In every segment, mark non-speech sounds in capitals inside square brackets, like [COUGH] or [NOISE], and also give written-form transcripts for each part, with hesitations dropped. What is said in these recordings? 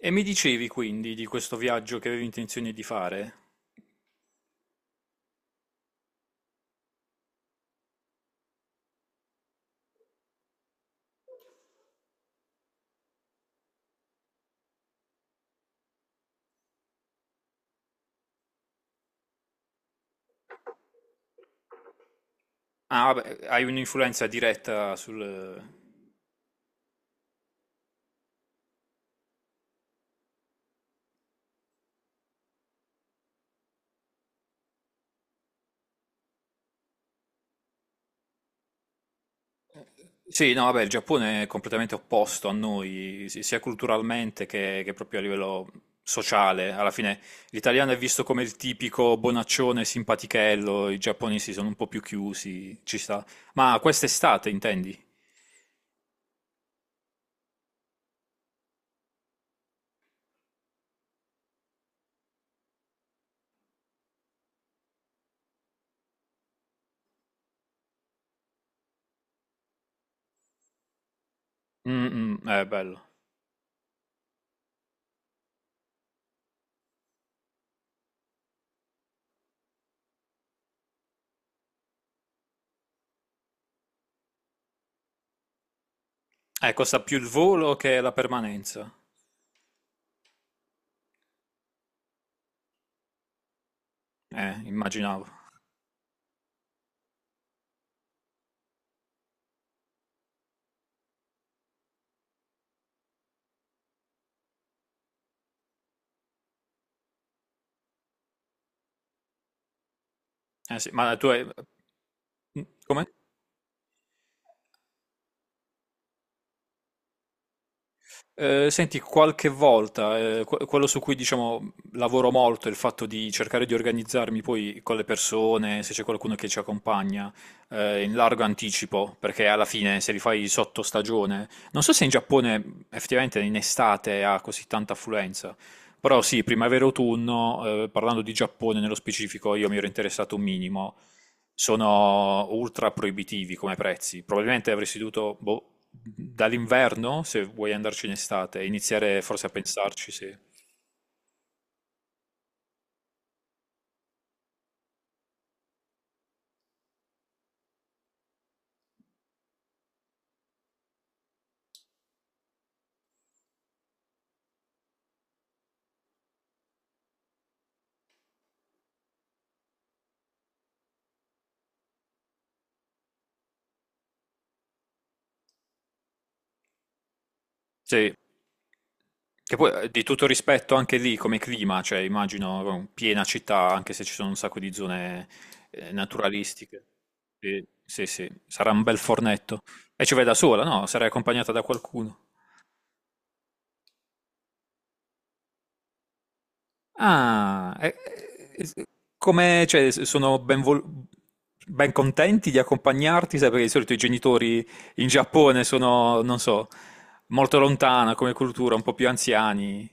E mi dicevi quindi di questo viaggio che avevi intenzione di fare? Ah, vabbè, hai un'influenza diretta sul... Sì, no, vabbè, il Giappone è completamente opposto a noi, sia culturalmente che proprio a livello sociale. Alla fine l'italiano è visto come il tipico bonaccione simpatichello, i giapponesi sono un po' più chiusi, ci sta. Ma quest'estate intendi? Mm, mm, è bello. Costa più il volo che la permanenza. Immaginavo. Eh sì, ma tu hai... Come? Senti, qualche volta, quello su cui diciamo lavoro molto è il fatto di cercare di organizzarmi poi con le persone, se c'è qualcuno che ci accompagna, in largo anticipo, perché alla fine se li fai sotto stagione, non so se in Giappone effettivamente in estate ha così tanta affluenza, però sì, primavera-autunno, parlando di Giappone nello specifico, io mi ero interessato un minimo, sono ultra proibitivi come prezzi, probabilmente avresti dovuto, boh, dall'inverno, se vuoi andarci in estate, iniziare forse a pensarci, sì. Sì, che poi di tutto rispetto anche lì come clima, cioè immagino piena città, anche se ci sono un sacco di zone naturalistiche. Sì, sì, sì, sarà un bel fornetto. E ci vai da sola, no? Sarai accompagnata da qualcuno. Ah, e- e- come, cioè, sono ben contenti di accompagnarti, sai, perché di solito i genitori in Giappone sono, non so, molto lontana come cultura, un po' più anziani.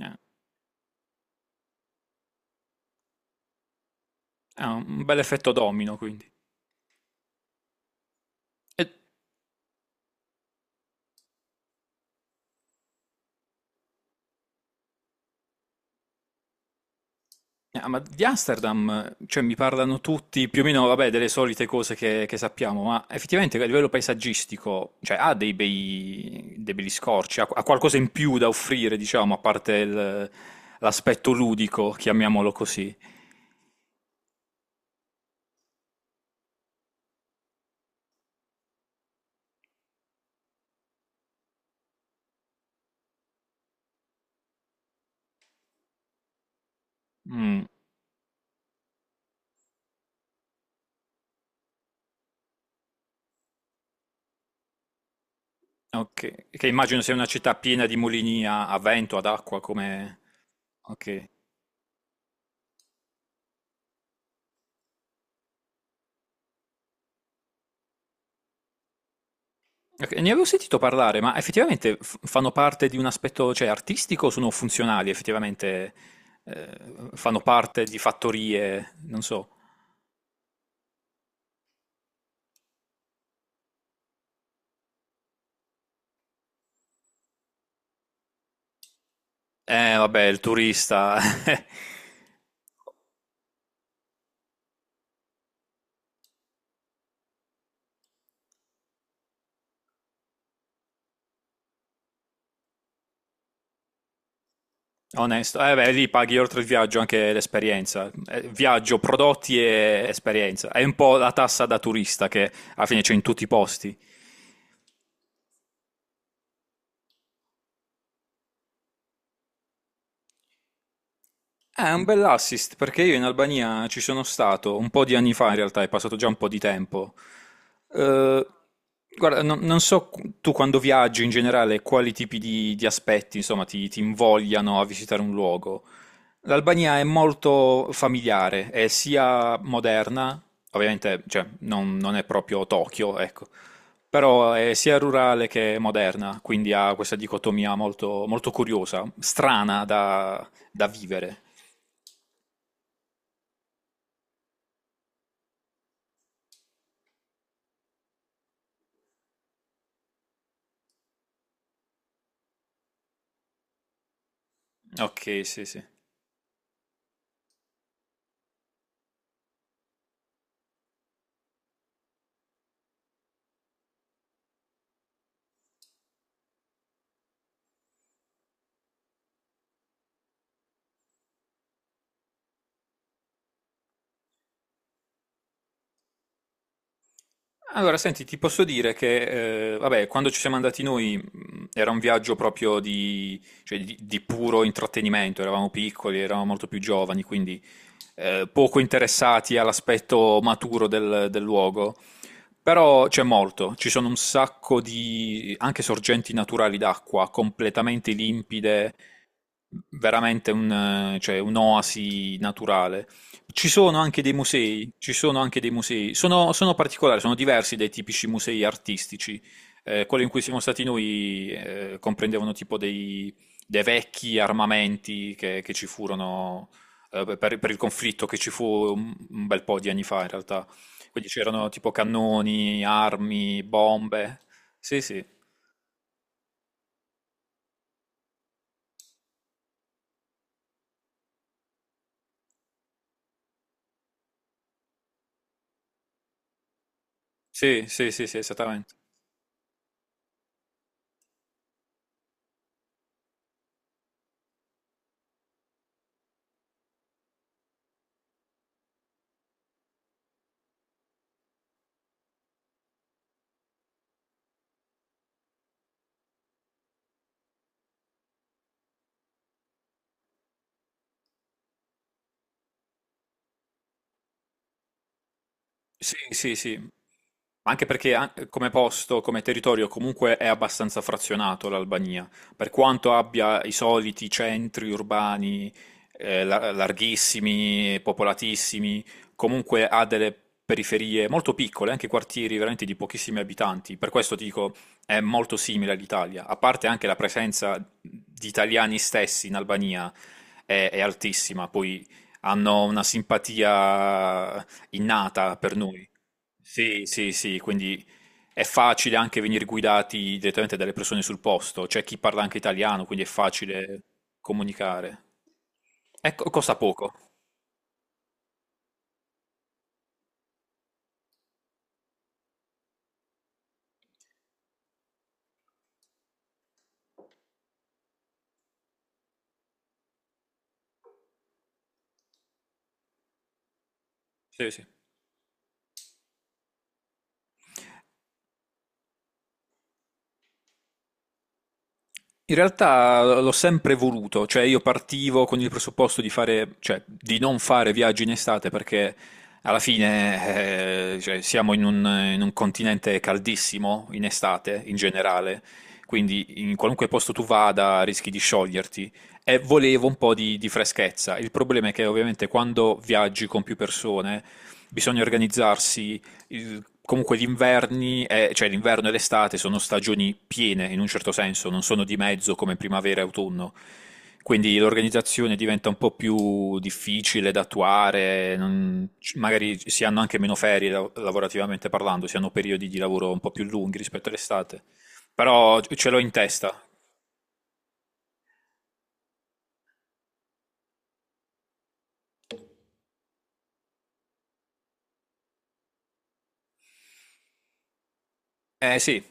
Eh, Ha un bel effetto domino, quindi. E Ah, ma di Amsterdam, cioè, mi parlano tutti più o meno, vabbè, delle solite cose che sappiamo, ma effettivamente a livello paesaggistico, cioè, ha dei bei, dei belli scorci, ha, ha qualcosa in più da offrire, diciamo, a parte il- l'aspetto ludico, chiamiamolo così. Mm, ok, che immagino sia una città piena di mulini a, a vento, ad acqua, come... Ok. Ok, ne avevo sentito parlare, ma effettivamente fanno parte di un aspetto, cioè, artistico o sono funzionali? Effettivamente eh, fanno parte di fattorie, non so. Vabbè, il turista, [LAUGHS] onesto. Beh, lì paghi oltre il viaggio anche l'esperienza. Viaggio, prodotti e esperienza. È un po' la tassa da turista che alla fine c'è in tutti i posti. È un bell'assist perché io in Albania ci sono stato un po' di anni fa, in realtà è passato già un po' di tempo. Eh, guarda, non so tu quando viaggi in generale quali tipi di aspetti, insomma, ti invogliano a visitare un luogo. L'Albania è molto familiare, è sia moderna, ovviamente, cioè, non è proprio Tokyo, ecco, però è sia rurale che moderna, quindi ha questa dicotomia molto, molto curiosa, strana da vivere. Okay, sì, sì. Allora senti, ti posso dire che, vabbè quando ci siamo andati noi, era un viaggio proprio di cioè di puro intrattenimento, eravamo piccoli, eravamo molto più giovani, quindi, poco interessati all'aspetto maturo del luogo, però c'è molto. Ci sono un sacco di anche sorgenti naturali d'acqua completamente limpide, veramente cioè, un'oasi naturale. Ci sono anche dei musei, ci sono anche dei musei, sono particolari, sono diversi dai tipici musei artistici. Quello in cui siamo stati noi comprendevano tipo dei vecchi armamenti che ci furono per il conflitto che ci fu un bel po' di anni fa in realtà. Quindi c'erano tipo cannoni, armi, bombe. Sì, sì, sì, sì, sì, sì, esattamente. Sì, sì, sì. Anche perché come posto, come territorio, comunque è abbastanza frazionato l'Albania, per quanto abbia i soliti centri urbani larghissimi, popolatissimi, comunque ha delle periferie molto piccole, anche quartieri veramente di pochissimi abitanti. Per questo dico, è molto simile all'Italia, a parte anche la presenza di italiani stessi in Albania è altissima, poi hanno una simpatia innata per noi. Sì, sì, sì, quindi è facile anche venire guidati direttamente dalle persone sul posto, c'è chi parla anche italiano, quindi è facile comunicare. Ecco, costa poco. Sì, sì. In realtà l'ho sempre voluto, cioè io partivo con il presupposto di fare, cioè di non fare viaggi in estate perché alla fine cioè, siamo in un continente caldissimo in estate in generale, quindi in qualunque posto tu vada rischi di scioglierti e volevo un po' di freschezza. Il problema è che ovviamente quando viaggi con più persone bisogna organizzarsi comunque gli inverni, cioè l'inverno e l'estate sono stagioni piene in un certo senso, non sono di mezzo come primavera e autunno. Quindi l'organizzazione diventa un po' più difficile da attuare, magari si hanno anche meno ferie lavorativamente parlando, si hanno periodi di lavoro un po' più lunghi rispetto all'estate. Però ce l'ho in testa. Eh sì,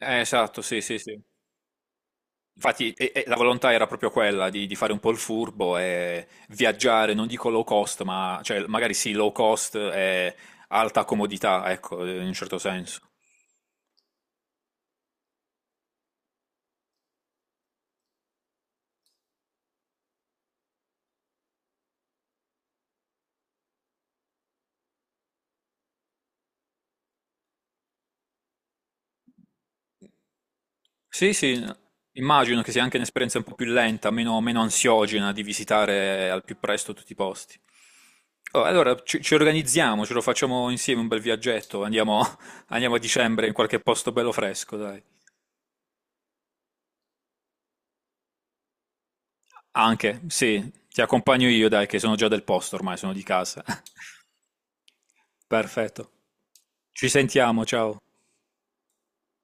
eh, esatto, sì, sì, sì. Infatti, e la volontà era proprio quella di fare un po' il furbo e viaggiare, non dico low cost, ma cioè, magari sì, low cost e alta comodità, ecco, in un certo senso. Sì, sì, immagino che sia anche un'esperienza un po' più lenta, meno, meno ansiogena di visitare al più presto tutti i posti. Oh, allora, ci organizziamo, ce lo facciamo insieme un bel viaggetto, andiamo, [LAUGHS] andiamo a dicembre in qualche posto bello fresco, dai. Anche, sì, ti accompagno io, dai, che sono già del posto ormai, sono di casa. [LAUGHS] Perfetto. Ci sentiamo, ciao.